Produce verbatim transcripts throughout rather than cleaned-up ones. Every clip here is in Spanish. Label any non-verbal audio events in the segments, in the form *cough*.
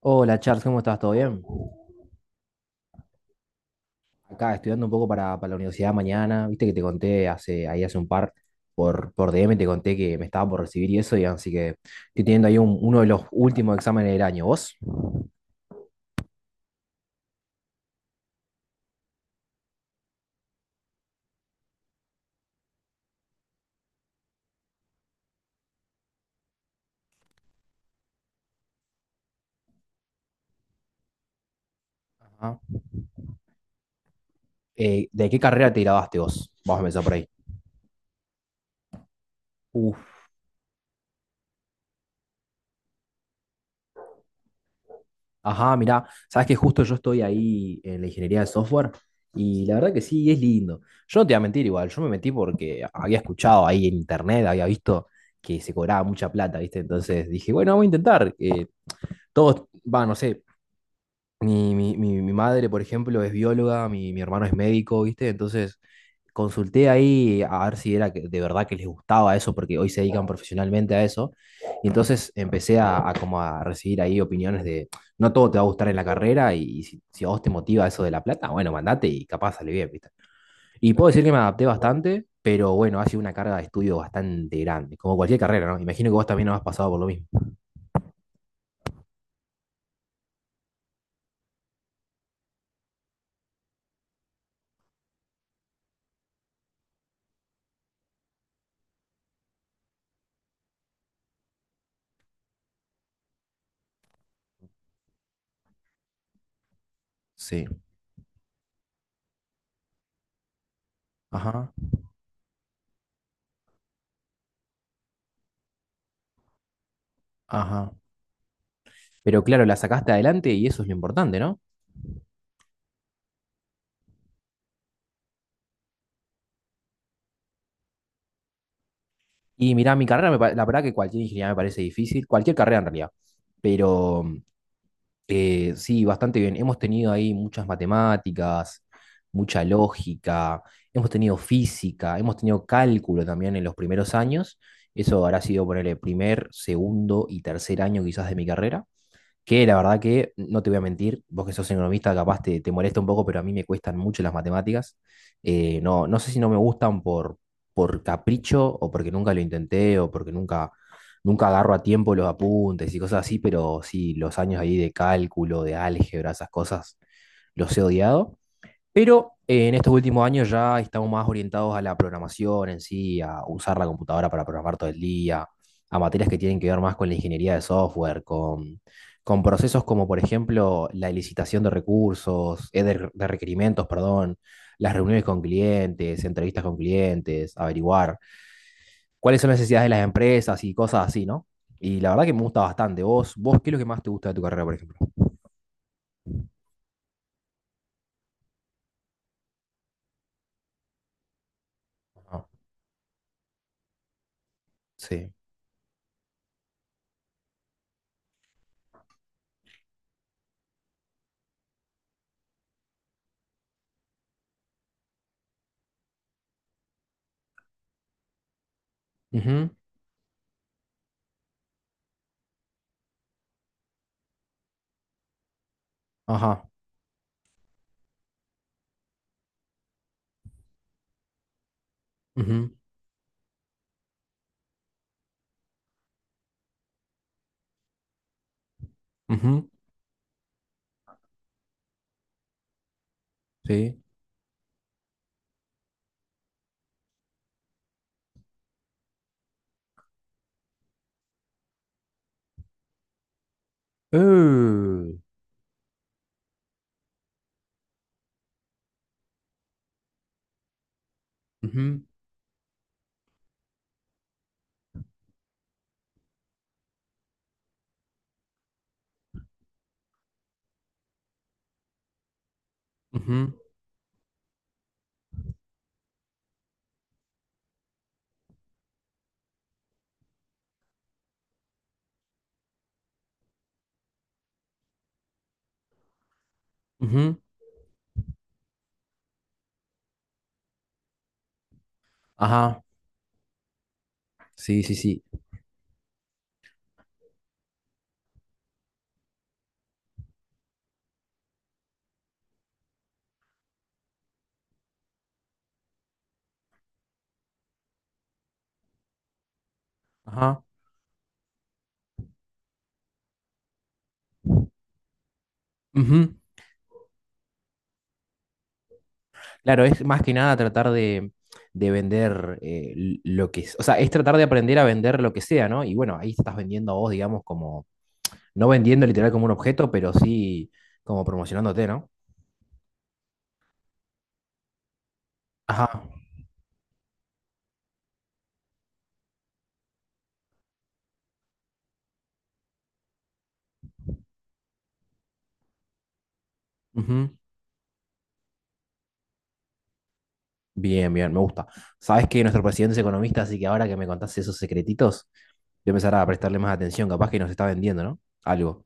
Hola Charles, ¿cómo estás? ¿Todo bien? Acá estudiando un poco para, para la universidad mañana. Viste que te conté hace, ahí hace un par, por, por D M te conté que me estaba por recibir y eso, y así que estoy teniendo ahí un- uno de los últimos exámenes del año. ¿Vos? Ajá. Eh, ¿de qué carrera te graduaste vos? Vamos a empezar por ahí. Uf. Ajá, mirá, sabes que justo yo estoy ahí en la ingeniería de software y la verdad que sí, es lindo. Yo no te voy a mentir igual, yo me metí porque había escuchado ahí en internet, había visto que se cobraba mucha plata, ¿viste? Entonces dije, bueno, vamos a intentar. Eh, todos, va, no sé, mi, mi, mi, mi madre, por ejemplo, es bióloga, mi, mi hermano es médico, ¿viste? Entonces consulté ahí a ver si era que de verdad que les gustaba eso, porque hoy se dedican profesionalmente a eso. Y entonces empecé a, a como a recibir ahí opiniones de, no todo te va a gustar en la carrera y, si, si a vos te motiva eso de la plata, bueno, mandate y capaz sale bien, ¿viste? Y puedo decir que me adapté bastante, pero bueno, ha sido una carga de estudio bastante grande, como cualquier carrera, ¿no? Imagino que vos también no has pasado por lo mismo. Sí. Ajá, ajá. Pero claro, la sacaste adelante y eso es lo importante, ¿no? Y mirá, mi carrera, me pa- la verdad que cualquier ingeniería me parece difícil, cualquier carrera en realidad. Pero eh, sí, bastante bien. Hemos tenido ahí muchas matemáticas, mucha lógica, hemos tenido física, hemos tenido cálculo también en los primeros años. Eso habrá sido por el primer, segundo y tercer año quizás de mi carrera. Que la verdad que, no te voy a mentir, vos que sos economista capaz te, te molesta un poco, pero a mí me cuestan mucho las matemáticas. Eh, no, no sé si no me gustan por, por capricho o porque nunca lo intenté o porque nunca, nunca agarro a tiempo los apuntes y cosas así, pero sí, los años ahí de cálculo, de álgebra, esas cosas, los he odiado. Pero eh, en estos últimos años ya estamos más orientados a la programación en sí, a usar la computadora para programar todo el día, a materias que tienen que ver más con la ingeniería de software, con, con procesos como por ejemplo la licitación de recursos, eh, de, de requerimientos, perdón, las reuniones con clientes, entrevistas con clientes, averiguar cuáles son las necesidades de las empresas y cosas así, ¿no? Y la verdad que me gusta bastante. ¿Vos, vos qué es lo que más te gusta de tu carrera, por ejemplo? Ah, sí. Ujú, ajá. Ujú, ujú. Sí. Uh, ujú, ujú, ujú. Ajá. Sí, sí, sí. Ajá. Ujú. Claro, es más que nada tratar de, de vender eh, l- lo que es. O sea, es tratar de aprender a vender lo que sea, ¿no? Y bueno, ahí estás vendiendo a vos, digamos, como, no vendiendo literal como un objeto, pero sí como promocionándote, ¿no? Ajá. Ujú. Bien, bien, me gusta. Sabes que nuestro presidente es economista, así que ahora que me contaste esos secretitos, voy a empezar a prestarle más atención. Capaz que nos está vendiendo, ¿no? Algo.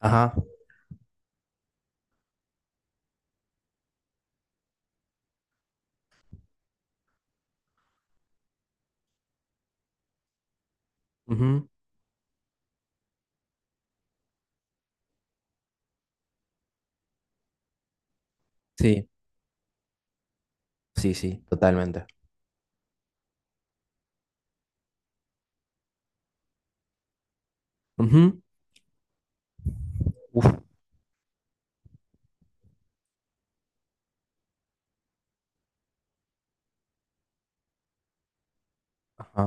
Ajá. Ujú. Sí, sí, sí, totalmente. Ujú. Uf, ajá.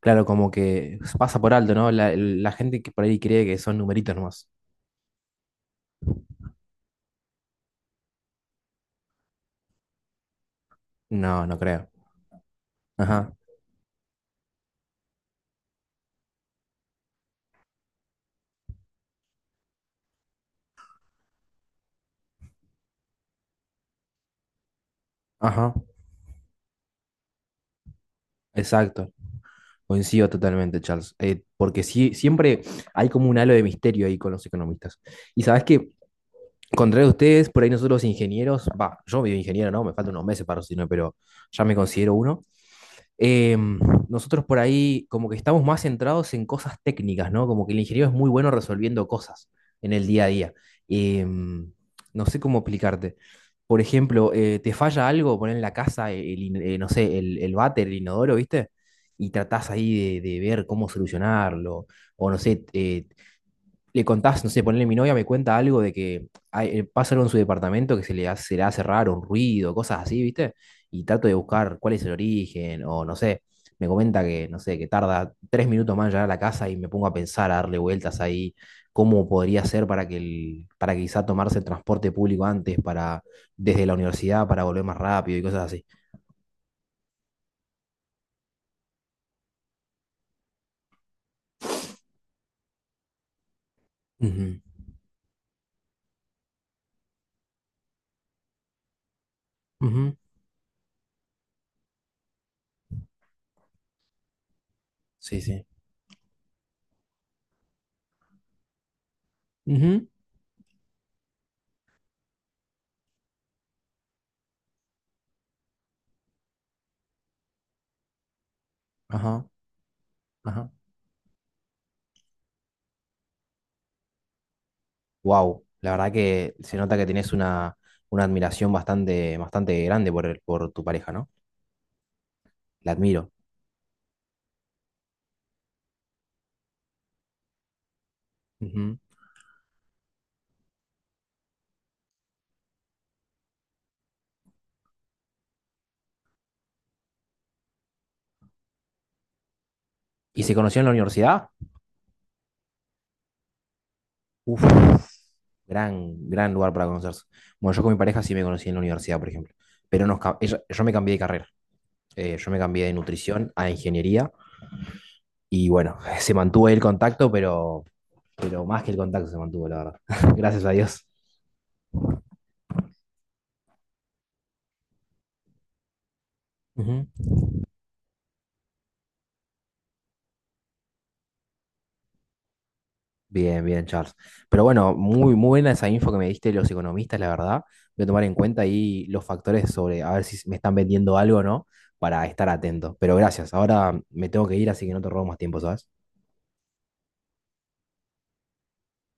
Claro, como que pasa por alto, ¿no? La, la gente que por ahí cree que son numeritos nomás. No, no creo. Ajá, ajá, exacto. Coincido totalmente, Charles. Eh, porque sí, siempre hay como un halo de misterio ahí con los economistas. Y sabes que, contrario a ustedes, por ahí nosotros los ingenieros, va, yo medio ingeniero, ¿no? Me faltan unos meses para recibirme, pero ya me considero uno. eh, Nosotros por ahí como que estamos más centrados en cosas técnicas, ¿no? Como que el ingeniero es muy bueno resolviendo cosas en el día a día. Eh, no sé cómo explicarte. Por ejemplo, eh, te falla algo, poner en la casa, el, in- eh, no sé, el, el váter, el inodoro, ¿viste? Y tratás ahí de, de ver cómo solucionarlo. O no sé, eh, le contás, no sé, ponle mi novia me cuenta algo de que hay- eh, pasa algo en su departamento que se le hace, se le hace raro, un ruido, cosas así, ¿viste? Y trato de buscar cuál es el origen, o no sé, me comenta que, no sé, que tarda tres minutos más en llegar a la casa y me pongo a pensar, a darle vueltas ahí, cómo podría ser para que el, para quizá tomarse el transporte público antes, para, desde la universidad para volver más rápido y cosas así. Ujú, ujú, sí, sí. Ujú, ajá, ajá. Wow, la verdad que se nota que tenés una, una admiración bastante, bastante grande por, el- por tu pareja, ¿no? La admiro. Ujú. ¿Y se conocieron en la universidad? Uf, gran, gran lugar para conocerse. Bueno, yo con mi pareja sí me conocí en la universidad, por ejemplo. Pero nos, ca- ella- yo me cambié de carrera. Eh, yo me cambié de nutrición a ingeniería. Y bueno, *laughs* se mantuvo el contacto, pero, pero más que el contacto se mantuvo, la verdad. *laughs* Gracias a Dios. Ujú. Bien, bien, Charles. Pero bueno, muy, muy buena esa info que me diste de los economistas, la verdad. Voy a tomar en cuenta ahí los factores sobre a ver si me están vendiendo algo o no, para estar atento. Pero gracias, ahora me tengo que ir, así que no te robo más tiempo, ¿sabes?